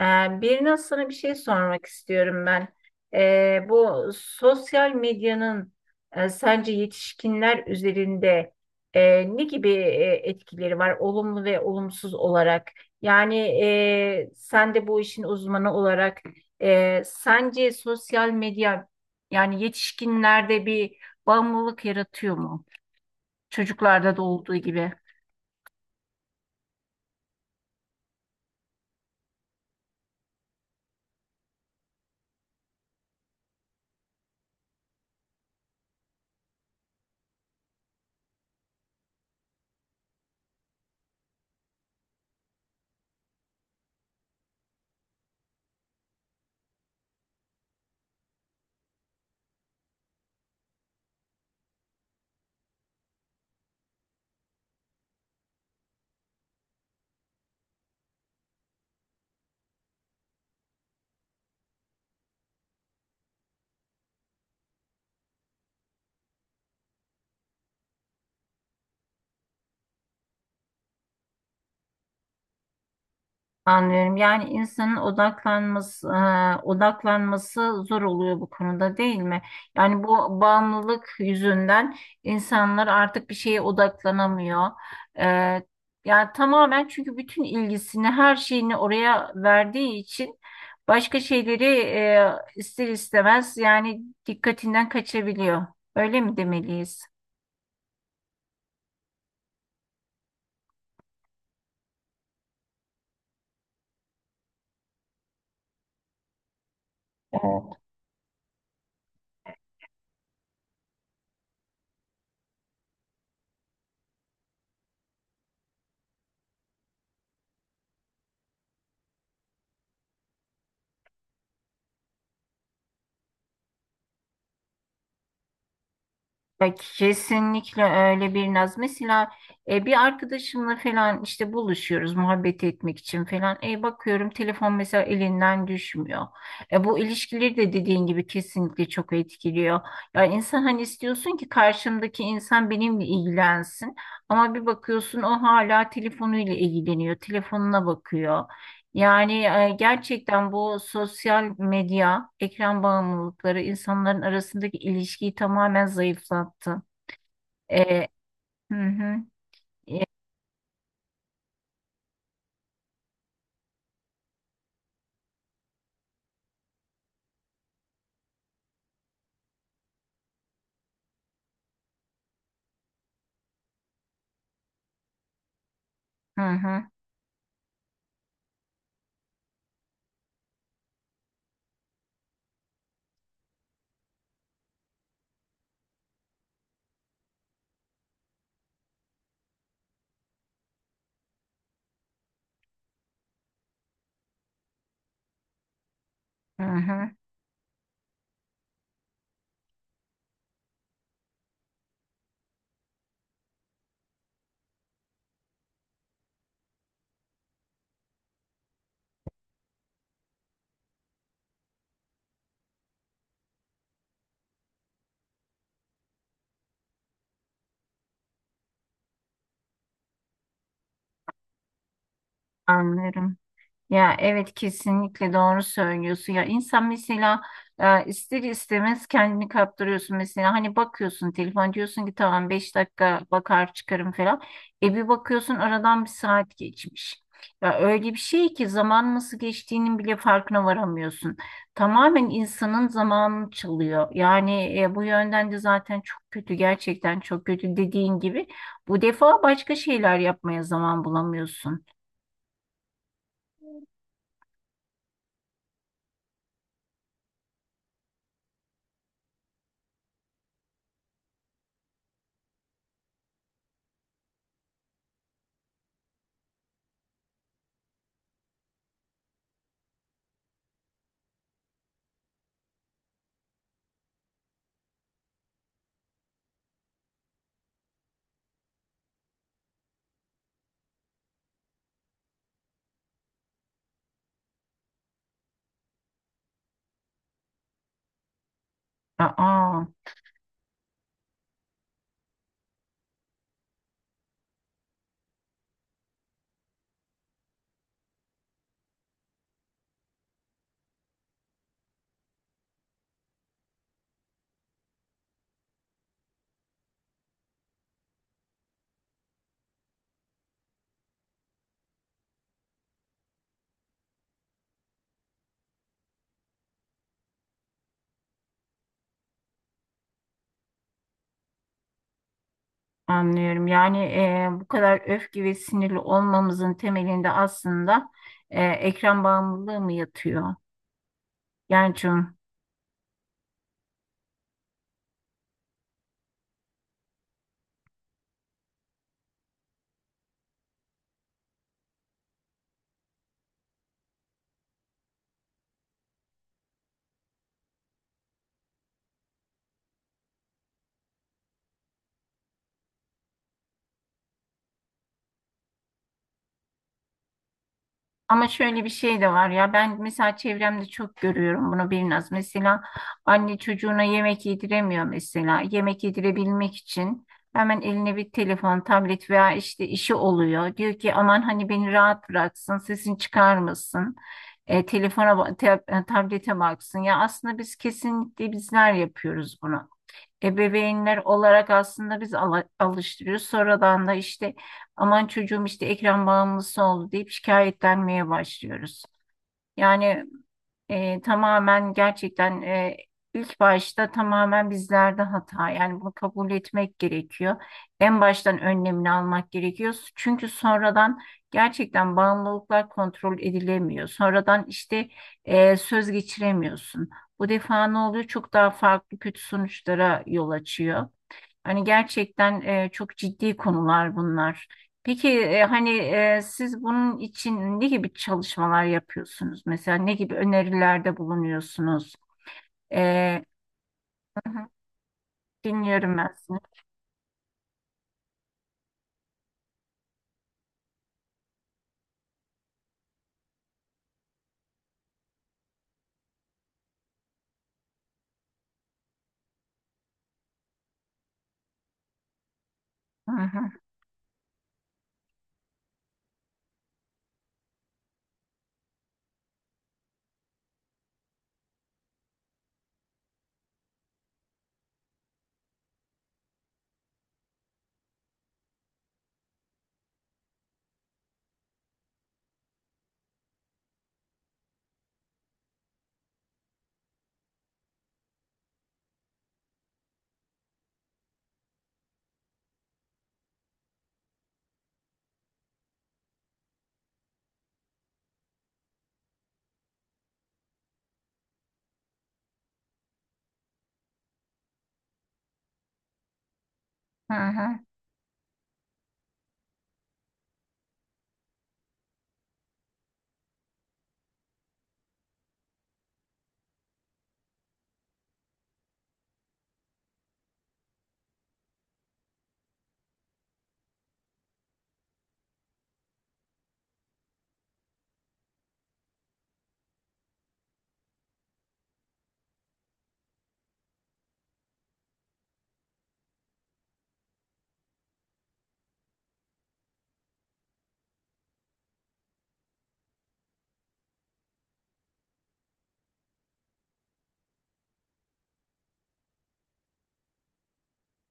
Birine sana bir şey sormak istiyorum ben. Bu sosyal medyanın sence yetişkinler üzerinde ne gibi etkileri var, olumlu ve olumsuz olarak? Yani sen de bu işin uzmanı olarak sence sosyal medya yani yetişkinlerde bir bağımlılık yaratıyor mu? Çocuklarda da olduğu gibi. Anlıyorum. Yani insanın odaklanması, odaklanması zor oluyor bu konuda değil mi? Yani bu bağımlılık yüzünden insanlar artık bir şeye odaklanamıyor. E, yani tamamen çünkü bütün ilgisini, her şeyini oraya verdiği için başka şeyleri ister istemez yani dikkatinden kaçabiliyor. Öyle mi demeliyiz? Ya kesinlikle öyle bir naz. Mesela bir arkadaşımla falan işte buluşuyoruz muhabbet etmek için falan. Bakıyorum telefon mesela elinden düşmüyor. Bu ilişkileri de dediğin gibi kesinlikle çok etkiliyor. Ya insan hani istiyorsun ki karşımdaki insan benimle ilgilensin. Ama bir bakıyorsun o hala telefonuyla ilgileniyor. Telefonuna bakıyor. Yani gerçekten bu sosyal medya, ekran bağımlılıkları insanların arasındaki ilişkiyi tamamen zayıflattı. E, hı hı, e, hı hı, hı hı, anlıyorum. Ya evet kesinlikle doğru söylüyorsun. Ya insan mesela ister istemez kendini kaptırıyorsun. Mesela hani bakıyorsun telefon diyorsun ki tamam 5 dakika bakar çıkarım falan. E bir bakıyorsun aradan bir saat geçmiş. Ya öyle bir şey ki zaman nasıl geçtiğinin bile farkına varamıyorsun. Tamamen insanın zamanını çalıyor. Yani bu yönden de zaten çok kötü gerçekten çok kötü dediğin gibi. Bu defa başka şeyler yapmaya zaman bulamıyorsun. Aa. Anlıyorum. Yani bu kadar öfke ve sinirli olmamızın temelinde aslında ekran bağımlılığı mı yatıyor? Yani ama şöyle bir şey de var ya ben mesela çevremde çok görüyorum bunu biraz. Mesela anne çocuğuna yemek yediremiyor mesela. Yemek yedirebilmek için hemen eline bir telefon, tablet veya işte işi oluyor. Diyor ki aman hani beni rahat bıraksın, sesini çıkarmasın. Telefona, tablete baksın. Ya aslında biz kesinlikle bizler yapıyoruz bunu ebeveynler olarak aslında biz alıştırıyoruz. Sonradan da işte aman çocuğum işte ekran bağımlısı oldu deyip şikayetlenmeye başlıyoruz. Yani tamamen gerçekten ilk başta tamamen bizlerde hata. Yani bunu kabul etmek gerekiyor. En baştan önlemini almak gerekiyor. Çünkü sonradan gerçekten bağımlılıklar kontrol edilemiyor. Sonradan işte söz geçiremiyorsun. Bu defa ne oluyor? Çok daha farklı kötü sonuçlara yol açıyor. Hani gerçekten çok ciddi konular bunlar. Peki hani siz bunun için ne gibi çalışmalar yapıyorsunuz? Mesela ne gibi önerilerde bulunuyorsunuz? E, hı hı, dinliyorum ben sizi. Hı hı, hı hı.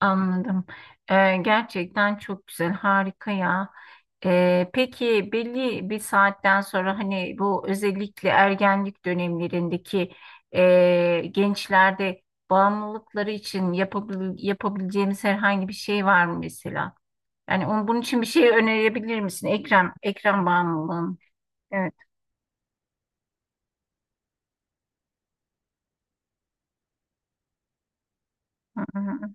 Anladım. Gerçekten çok güzel, harika ya. Peki belli bir saatten sonra hani bu özellikle ergenlik dönemlerindeki gençlerde bağımlılıkları için yapabileceğimiz herhangi bir şey var mı mesela? Yani onun, bunun için bir şey önerebilir misin? Ekran bağımlılığın. Evet, hı hı,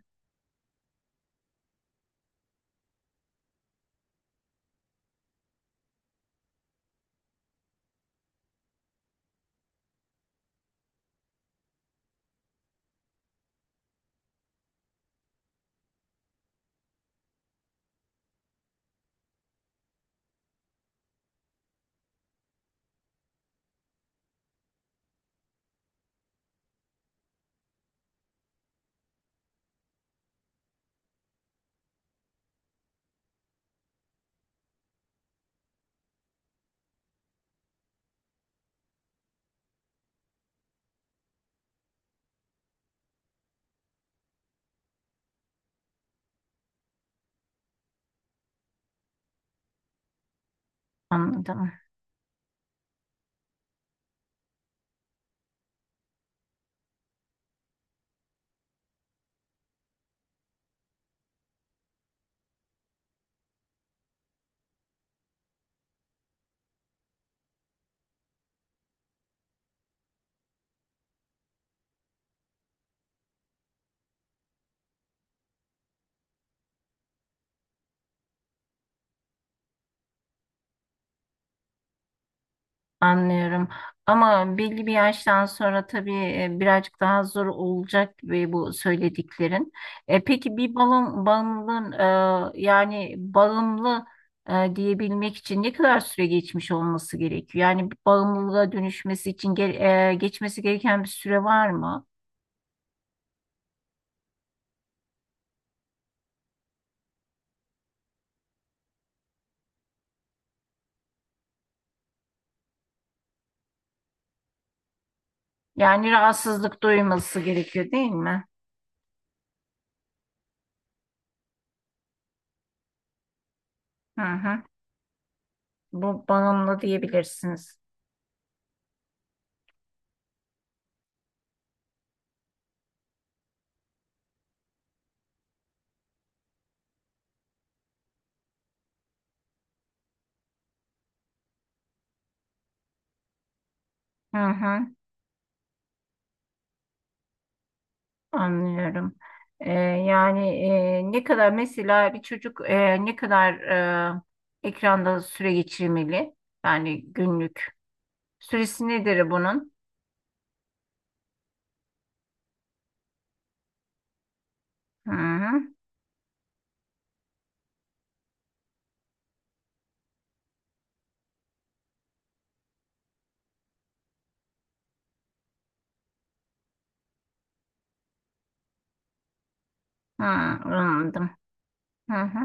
anladım. Anlıyorum. Ama belli bir yaştan sonra tabii birazcık daha zor olacak gibi bu söylediklerin. Peki bağımlılığın yani bağımlı diyebilmek için ne kadar süre geçmiş olması gerekiyor? Yani bir bağımlılığa dönüşmesi için geçmesi gereken bir süre var mı? Yani rahatsızlık duyması gerekiyor değil mi? Hı hı. Bu bağımlı diyebilirsiniz. Hı hı. Anlıyorum. Yani ne kadar mesela bir çocuk ne kadar ekranda süre geçirmeli? Yani günlük süresi nedir bunun? Hı hı. Hı, anladım. Hı hı.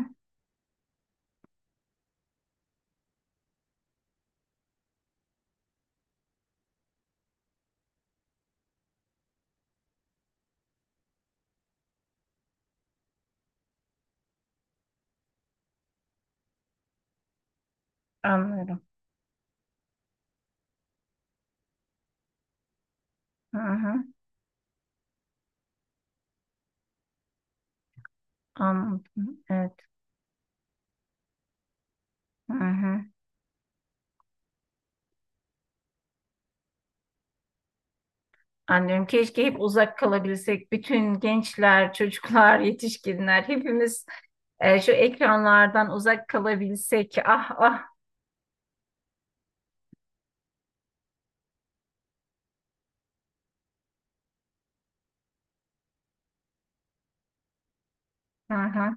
Anlıyorum. Hı hı. Anladım. Evet. Hı hı. Anlıyorum. Keşke hep uzak kalabilsek. Bütün gençler, çocuklar, yetişkinler hepimiz şu ekranlardan uzak kalabilsek. Ah ah. Hı hı.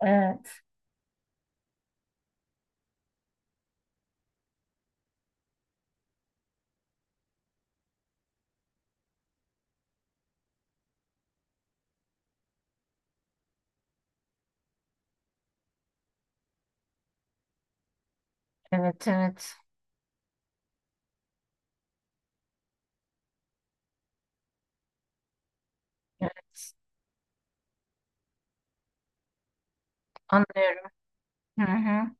Evet. Evet, evet. Evet, anlıyorum. Hı hı,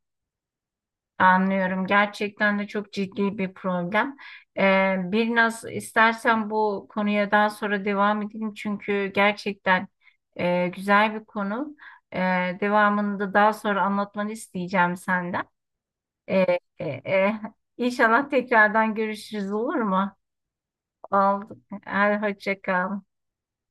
anlıyorum. Gerçekten de çok ciddi bir problem. Bir naz istersen bu konuya daha sonra devam edelim çünkü gerçekten güzel bir konu. Ee, devamını da daha sonra anlatmanı isteyeceğim senden. Ee, e, e, inşallah tekrardan görüşürüz olur mu? Oldu. Hadi hoşça kal.